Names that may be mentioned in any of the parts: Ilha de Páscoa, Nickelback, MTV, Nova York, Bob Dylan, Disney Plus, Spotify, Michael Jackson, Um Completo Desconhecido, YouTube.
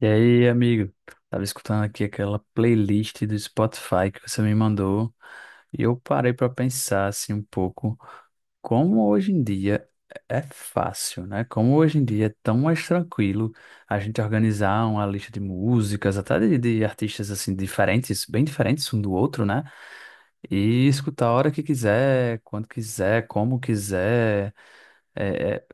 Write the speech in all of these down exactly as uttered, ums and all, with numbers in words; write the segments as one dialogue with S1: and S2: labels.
S1: E aí, amigo? Tava escutando aqui aquela playlist do Spotify que você me mandou e eu parei para pensar assim um pouco como hoje em dia é fácil, né? Como hoje em dia é tão mais tranquilo a gente organizar uma lista de músicas, até de, de artistas assim diferentes, bem diferentes um do outro, né? E escutar a hora que quiser, quando quiser, como quiser. É, é,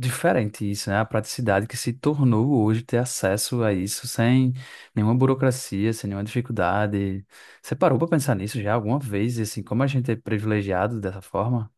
S1: Diferente isso, né? A praticidade que se tornou hoje ter acesso a isso sem nenhuma burocracia, sem nenhuma dificuldade. Você parou para pensar nisso já alguma vez? E assim, como a gente é privilegiado dessa forma?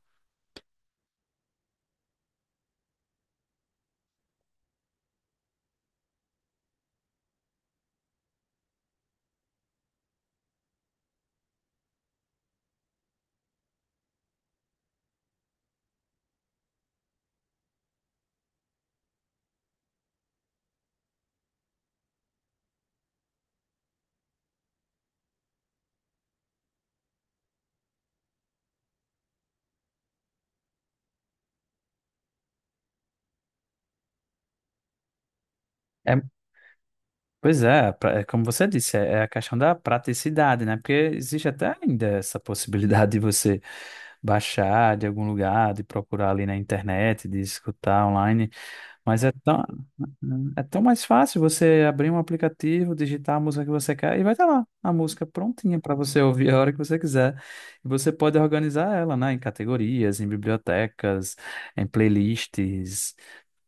S1: É, pois é, pra- é como você disse, é é a questão da praticidade, né? Porque existe até ainda essa possibilidade de você baixar de algum lugar, de procurar ali na internet, de escutar online. Mas é tão, é tão mais fácil você abrir um aplicativo, digitar a música que você quer e vai estar lá a música prontinha para você ouvir a hora que você quiser. E você pode organizar ela, né, em categorias, em bibliotecas, em playlists.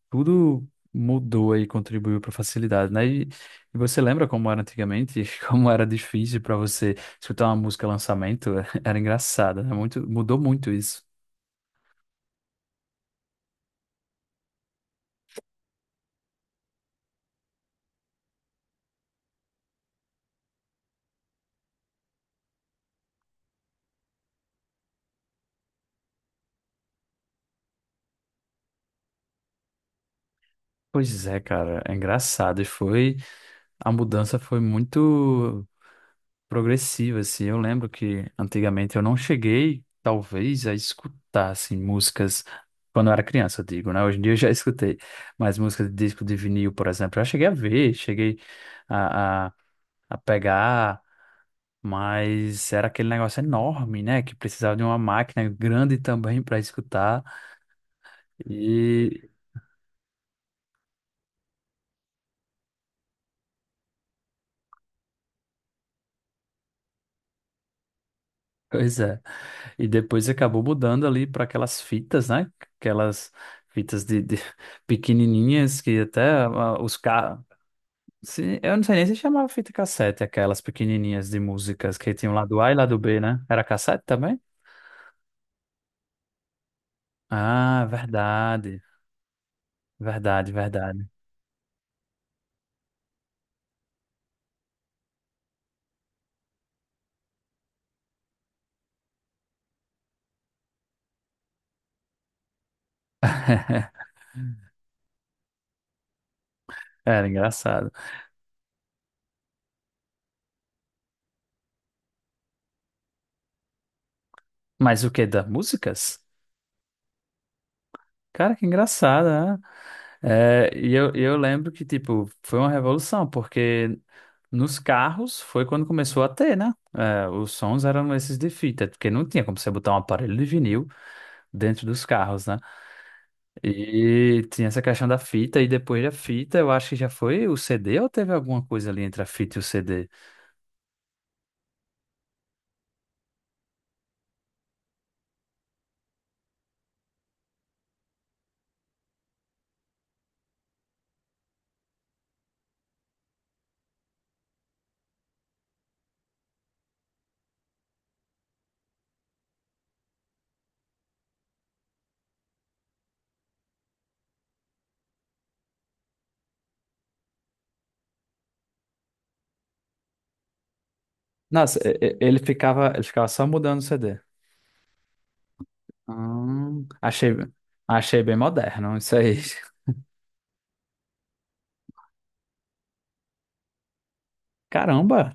S1: Tudo mudou e contribuiu para facilidade, né? E, e você lembra como era antigamente, como era difícil para você escutar uma música lançamento? Era engraçado, né? Muito, mudou muito isso. Pois é, cara, é engraçado. E foi. A mudança foi muito progressiva, assim. Eu lembro que antigamente eu não cheguei, talvez, a escutar, assim, músicas quando eu era criança, eu digo, né? Hoje em dia eu já escutei, mas músicas de disco de vinil, por exemplo, eu já cheguei a ver, cheguei a, a, a pegar, mas era aquele negócio enorme, né? Que precisava de uma máquina grande também para escutar. Pois é. E depois acabou mudando ali para aquelas fitas, né? Aquelas fitas de, de pequenininhas que até ah, os carros. Eu não sei nem se chamava fita cassete, aquelas pequenininhas de músicas que tinham lado A e lado B, né? Era cassete também? Ah, verdade. Verdade, verdade. Era engraçado. Mas o que das músicas? Cara, que engraçado, né? É, e eu, eu lembro que, tipo, foi uma revolução, porque nos carros foi quando começou a ter, né? É, os sons eram esses de fita, porque não tinha como você botar um aparelho de vinil dentro dos carros, né? E tinha essa questão da fita, e depois da fita, eu acho que já foi o C D ou teve alguma coisa ali entre a fita e o C D? Nossa, e- e- ele ficava, ele ficava só mudando o C D. Hum, achei, achei bem moderno isso aí. Caramba!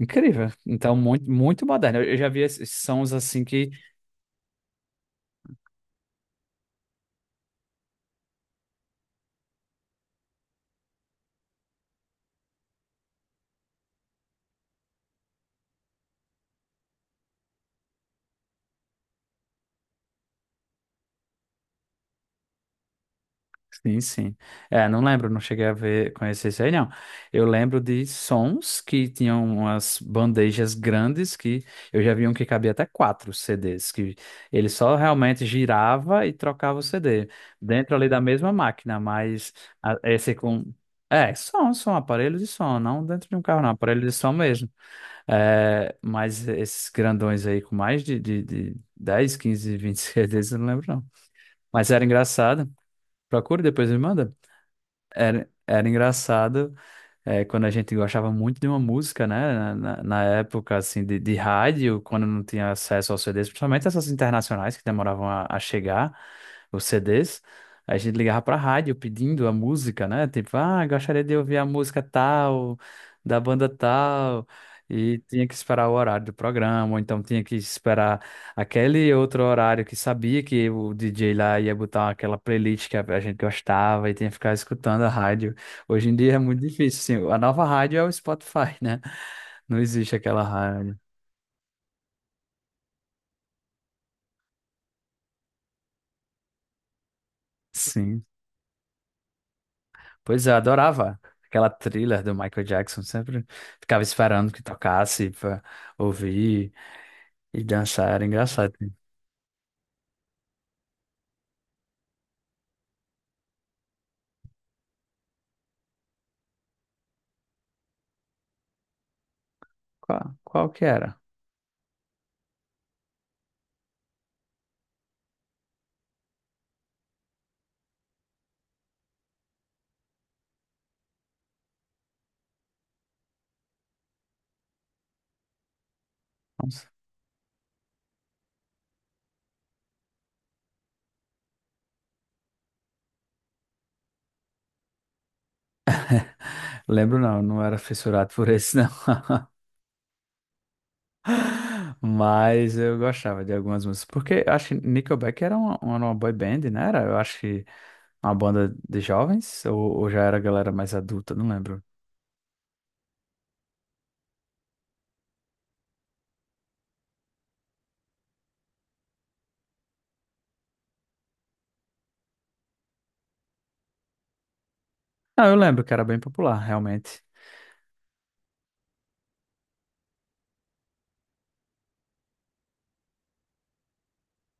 S1: Incrível. Então, muito, muito moderno. Eu, eu já vi esses sons assim que. Sim, sim. É, não lembro, não cheguei a ver, conhecer isso aí, não. Eu lembro de sons que tinham umas bandejas grandes que eu já vi um que cabia até quatro C Ds, que ele só realmente girava e trocava o C D dentro ali da mesma máquina, mas a- esse com. É, som, som, aparelho de som, não dentro de um carro, não, aparelho de som mesmo. É, mas esses grandões aí com mais de, de, de dez, quinze, vinte vinte C Ds, eu não lembro não. Mas era engraçado. Procura e depois me manda. Era, era engraçado é, quando a gente gostava muito de uma música, né? Na, na- na época, assim, de, de rádio, quando não tinha acesso aos C Ds, principalmente essas internacionais que demoravam a, a chegar, os C Ds, a gente ligava pra rádio pedindo a música, né? Tipo, ah, gostaria de ouvir a música tal, da banda tal, e tinha que esperar o horário do programa, ou então tinha que esperar aquele outro horário que sabia que o D J lá ia botar aquela playlist que a, a gente gostava, e tinha que ficar escutando a rádio. Hoje em dia é muito difícil, assim. A nova rádio é o Spotify, né? Não existe aquela rádio. Sim. Pois é, eu adorava aquela thriller do Michael Jackson. Sempre ficava esperando que tocasse pra ouvir e dançar. Era engraçado. Qual, qual que era? Nossa. Lembro não, não era fissurado por esse não, mas eu gostava de algumas músicas, porque eu acho que Nickelback era uma, uma uma boy band, né? Era, eu acho que uma banda de jovens, ou, ou já era galera mais adulta, não lembro. Não, eu lembro que era bem popular, realmente.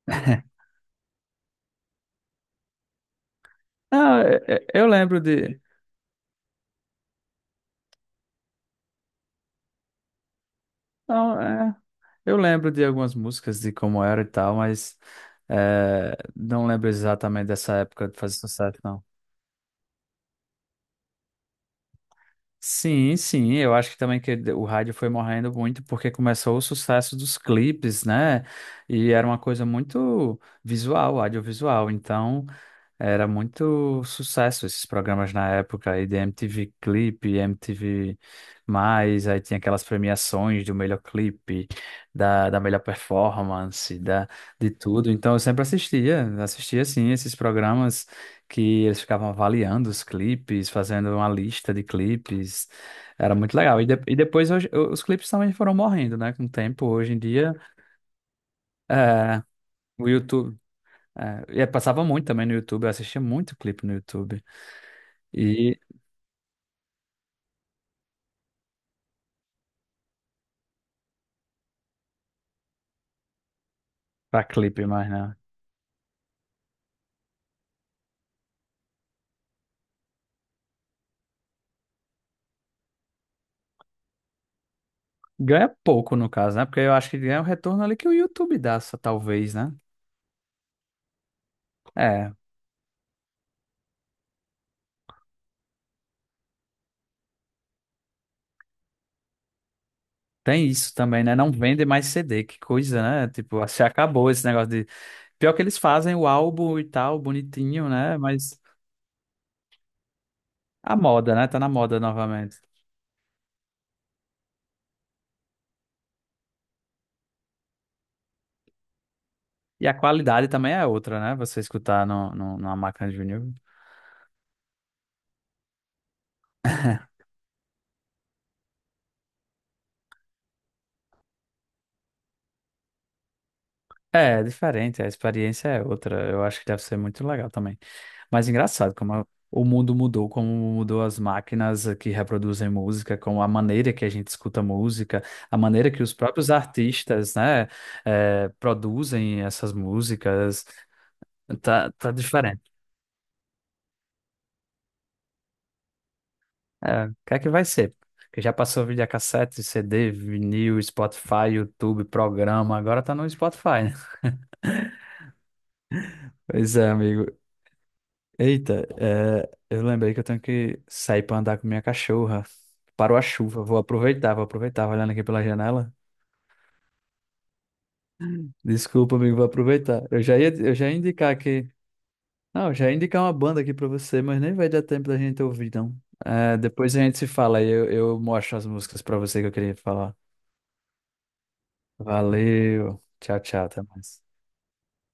S1: Não, é- é- eu lembro de. Não, é, eu lembro de algumas músicas de como era e tal, mas é, não lembro exatamente dessa época de fazer sucesso, não. Sim, sim, eu acho que também que o rádio foi morrendo muito porque começou o sucesso dos clipes, né? E era uma coisa muito visual, audiovisual. Então, era muito sucesso esses programas na época, aí de M T V Clipe, M T V Mais, aí tinha aquelas premiações do melhor clipe, da, da melhor performance, da, de tudo. Então eu sempre assistia, assistia assim esses programas que eles ficavam avaliando os clipes, fazendo uma lista de clipes. Era muito legal. E, de- e depois hoje- os clipes também foram morrendo, né? Com o tempo, hoje em dia, é, o YouTube. É, e passava muito também no YouTube, eu assistia muito clipe no YouTube. E pra clipe mais, né? Ganha pouco, no caso, né? Porque eu acho que ganha o retorno ali que o YouTube dá, só, talvez, né? É, tem isso também, né? Não vende mais C D, que coisa, né? Tipo, se acabou esse negócio de. Pior que eles fazem o álbum e tal, bonitinho, né? Mas a moda, né? Tá na moda novamente. E a qualidade também é outra, né? Você escutar no, no, numa máquina de vinil. É, é diferente, a experiência é outra. Eu acho que deve ser muito legal também. Mas engraçado como a- o mundo mudou, como mudou as máquinas que reproduzem música, como a maneira que a gente escuta música, a maneira que os próprios artistas, né, eh, produzem essas músicas, tá, tá diferente. É, o que é que vai ser? Porque já passou videocassete, C D, vinil, Spotify, YouTube, programa, agora tá no Spotify, né? Pois é, amigo. Eita, é, eu lembrei que eu tenho que sair pra andar com minha cachorra. Parou a chuva, vou aproveitar, vou aproveitar, olhando aqui pela janela. Desculpa, amigo, vou aproveitar. Eu já ia, eu já ia indicar aqui. Não, eu já ia indicar uma banda aqui pra você, mas nem vai dar tempo da gente ouvir, não. É, depois a gente se fala e eu, eu mostro as músicas pra você que eu queria falar. Valeu, tchau, tchau, até mais.